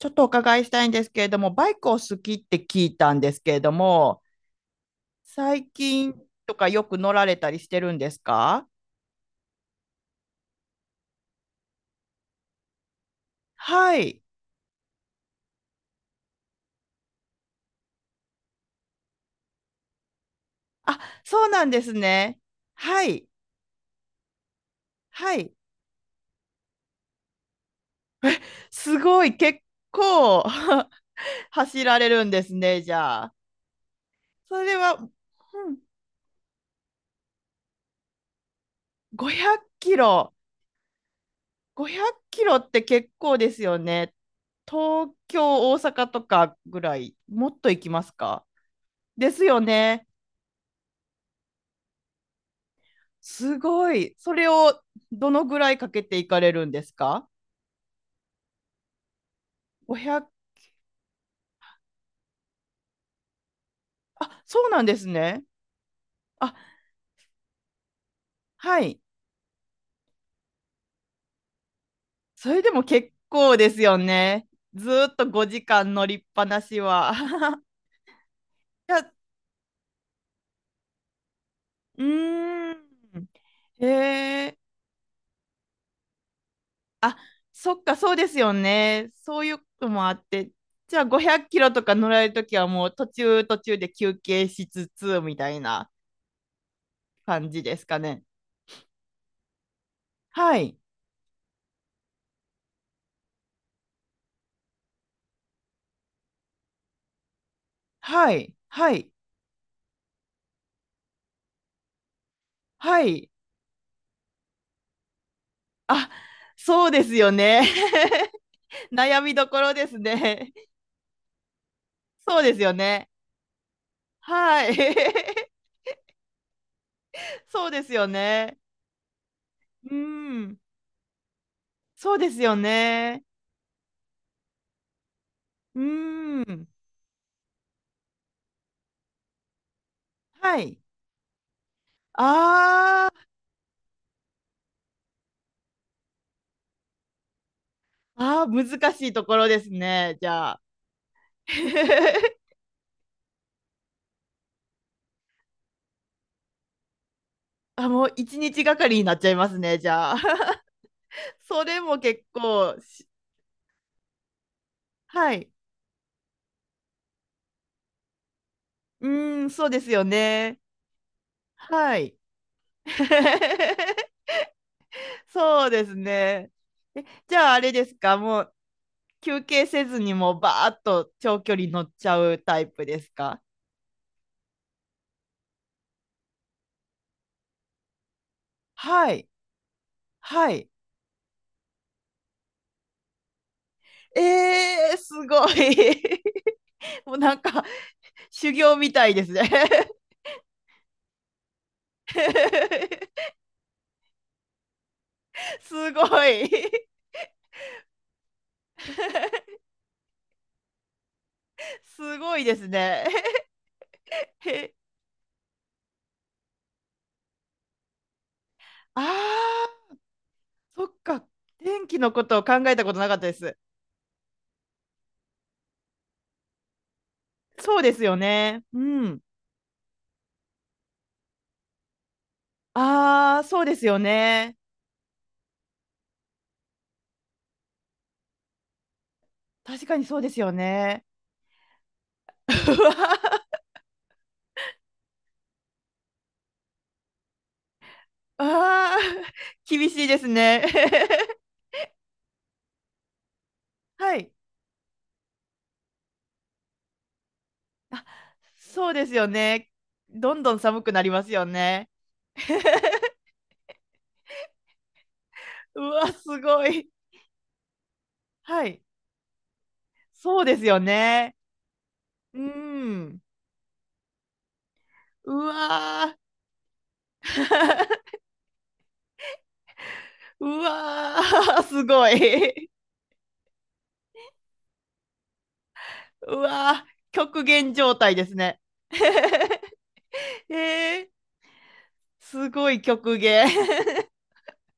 ちょっとお伺いしたいんですけれども、バイクを好きって聞いたんですけれども、最近とかよく乗られたりしてるんですか？はい。あ、そうなんですね。はい。はい。すごい、結構 走られるんですね、じゃあ。それは、うん、500キロ。500キロって結構ですよね。東京、大阪とかぐらい、もっと行きますか？ですよね。すごい。それをどのぐらいかけていかれるんですか？5 0あ、そうなんですね。あ、はい。それでも結構ですよね。ずーっと5時間乗りっぱなしは。いや、うーん。へえ。あ、そっか、そうですよね。そういうこともあって。じゃあ500キロとか乗られるときはもう途中途中で休憩しつつみたいな感じですかね。はい。はい。はい。はい。あ、そうですよね。悩みどころですね。そうですよね。はい。そうですよね。うん。そうですよね。うん。はい。ああ、ああ、難しいところですね、じゃあ。あ、もう一日がかりになっちゃいますね、じゃあ。それも結構し、はい。うん、そうですよね。はい。そうですね。え、じゃああれですか、もう休憩せずにもうバーッと長距離乗っちゃうタイプですか？はい、はい。えー、すごい。もうなんか修行みたいですね。すごい。すごいですね。へあー、そっか。天気のことを考えたことなかったです。そうですよね。うん。あー、そうですよね。確かにそうですよね。ああー、厳しいですね。はい。そうですよね。どんどん寒くなりますよね。うわ、すごい。はい。そうですよね。うん。うわー。うわー、すごい。うわー、極限状態ですね。えー、すごい極限。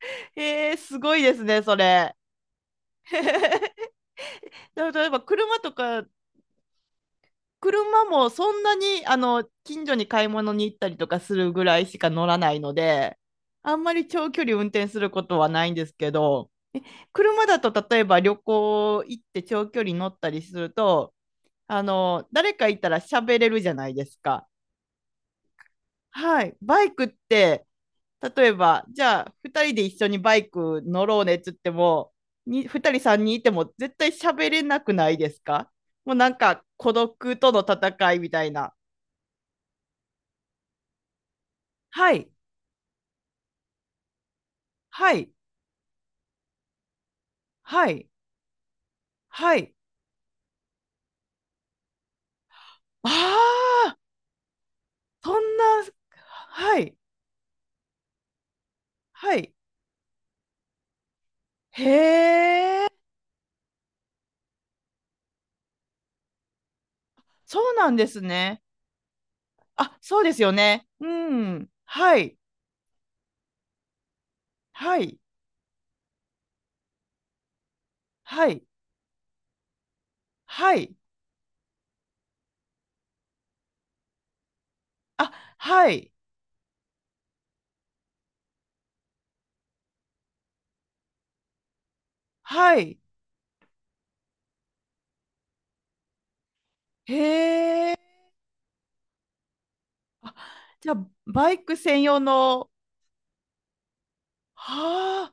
えー、すごいですね、それ。だ例えば車とか車もそんなにあの近所に買い物に行ったりとかするぐらいしか乗らないので、あんまり長距離運転することはないんですけど、車だと例えば旅行行って長距離乗ったりすると、あの誰かいたら喋れるじゃないですか。はい、バイクって例えばじゃあ2人で一緒にバイク乗ろうねっつってもに2人3人いても絶対喋れなくないですか？もうなんか孤独との戦いみたいな。はい、はい、はい、はい。ああ、そんな、はい、はい。へえ、そうなんですね。あ、そうですよね。うん、はい、はい、はい、はい。あ、はい、はい。へえ。あ、じゃあ、バイク専用の、はあ、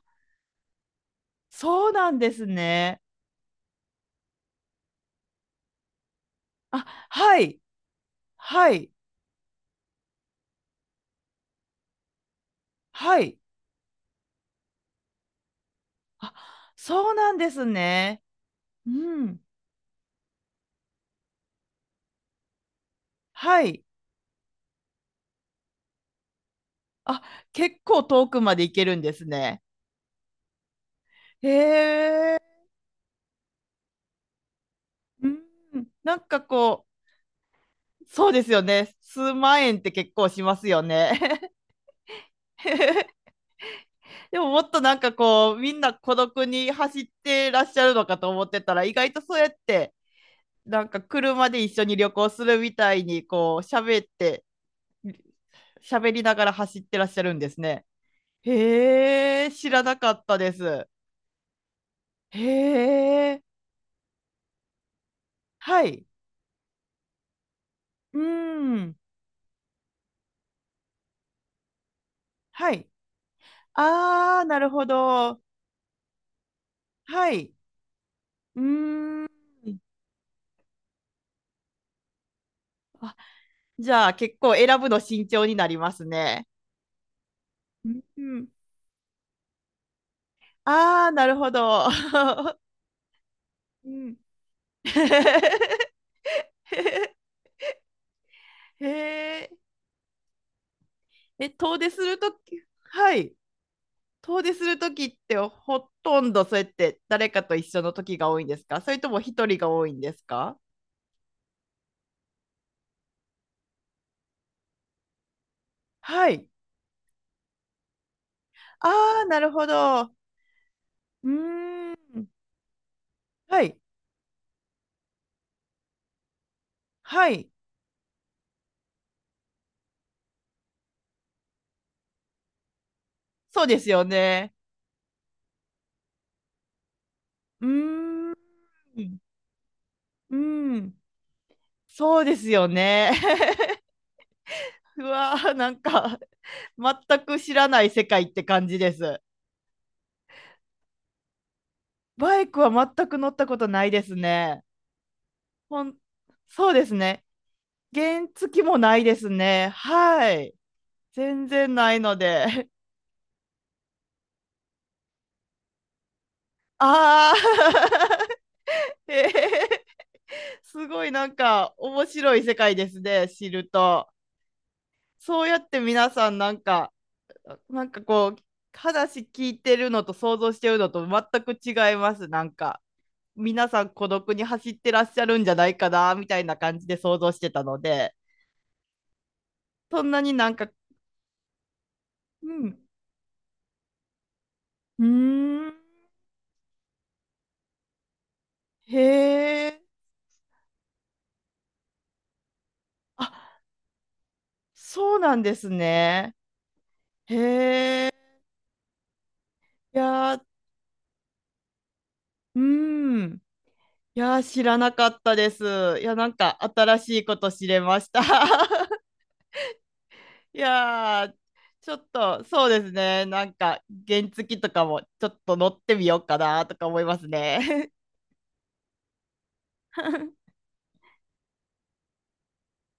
そうなんですね。あ、はい、はい、はい。あ、そうなんですね。うん、はい。あ、結構遠くまで行けるんですね。へえ。うん。なんかこう、そうですよね。数万円って結構しますよね。でももっとなんかこう、みんな孤独に走ってらっしゃるのかと思ってたら、意外とそうやって、なんか車で一緒に旅行するみたいに、こう、喋って、喋りながら走ってらっしゃるんですね。へえ、知らなかったです。へえ、はい。うん、はい。ああ、なるほど。はい。うーん。あ、じゃあ結構選ぶの慎重になりますね。うん。ああ、なるほど。うん。へえ。え、遠出するとき、はい。遠出するときってほとんどそうやって誰かと一緒のときが多いんですか、それとも一人が多いんですか？はい。ああ、なるほど。うーん。はい。はい。そうですよね。うーん。うん、うん、そうですよね。うわー、なんか、全く知らない世界って感じです。バイクは全く乗ったことないですね。ほんそうですね。原付もないですね。はい。全然ないので。ああ、えー、すごいなんか面白い世界ですね、知ると。そうやって皆さん、なんかなんかこう話聞いてるのと想像してるのと全く違います。なんか皆さん孤独に走ってらっしゃるんじゃないかなみたいな感じで想像してたので、そんなになんか、うん、うーん、へえ、あ、そうなんですね。へえ、いやー、うん、いやー知らなかったです。いやなんか新しいこと知れました。 いやー、ちょっとそうですね、なんか原付とかもちょっと乗ってみようかなとか思いますね。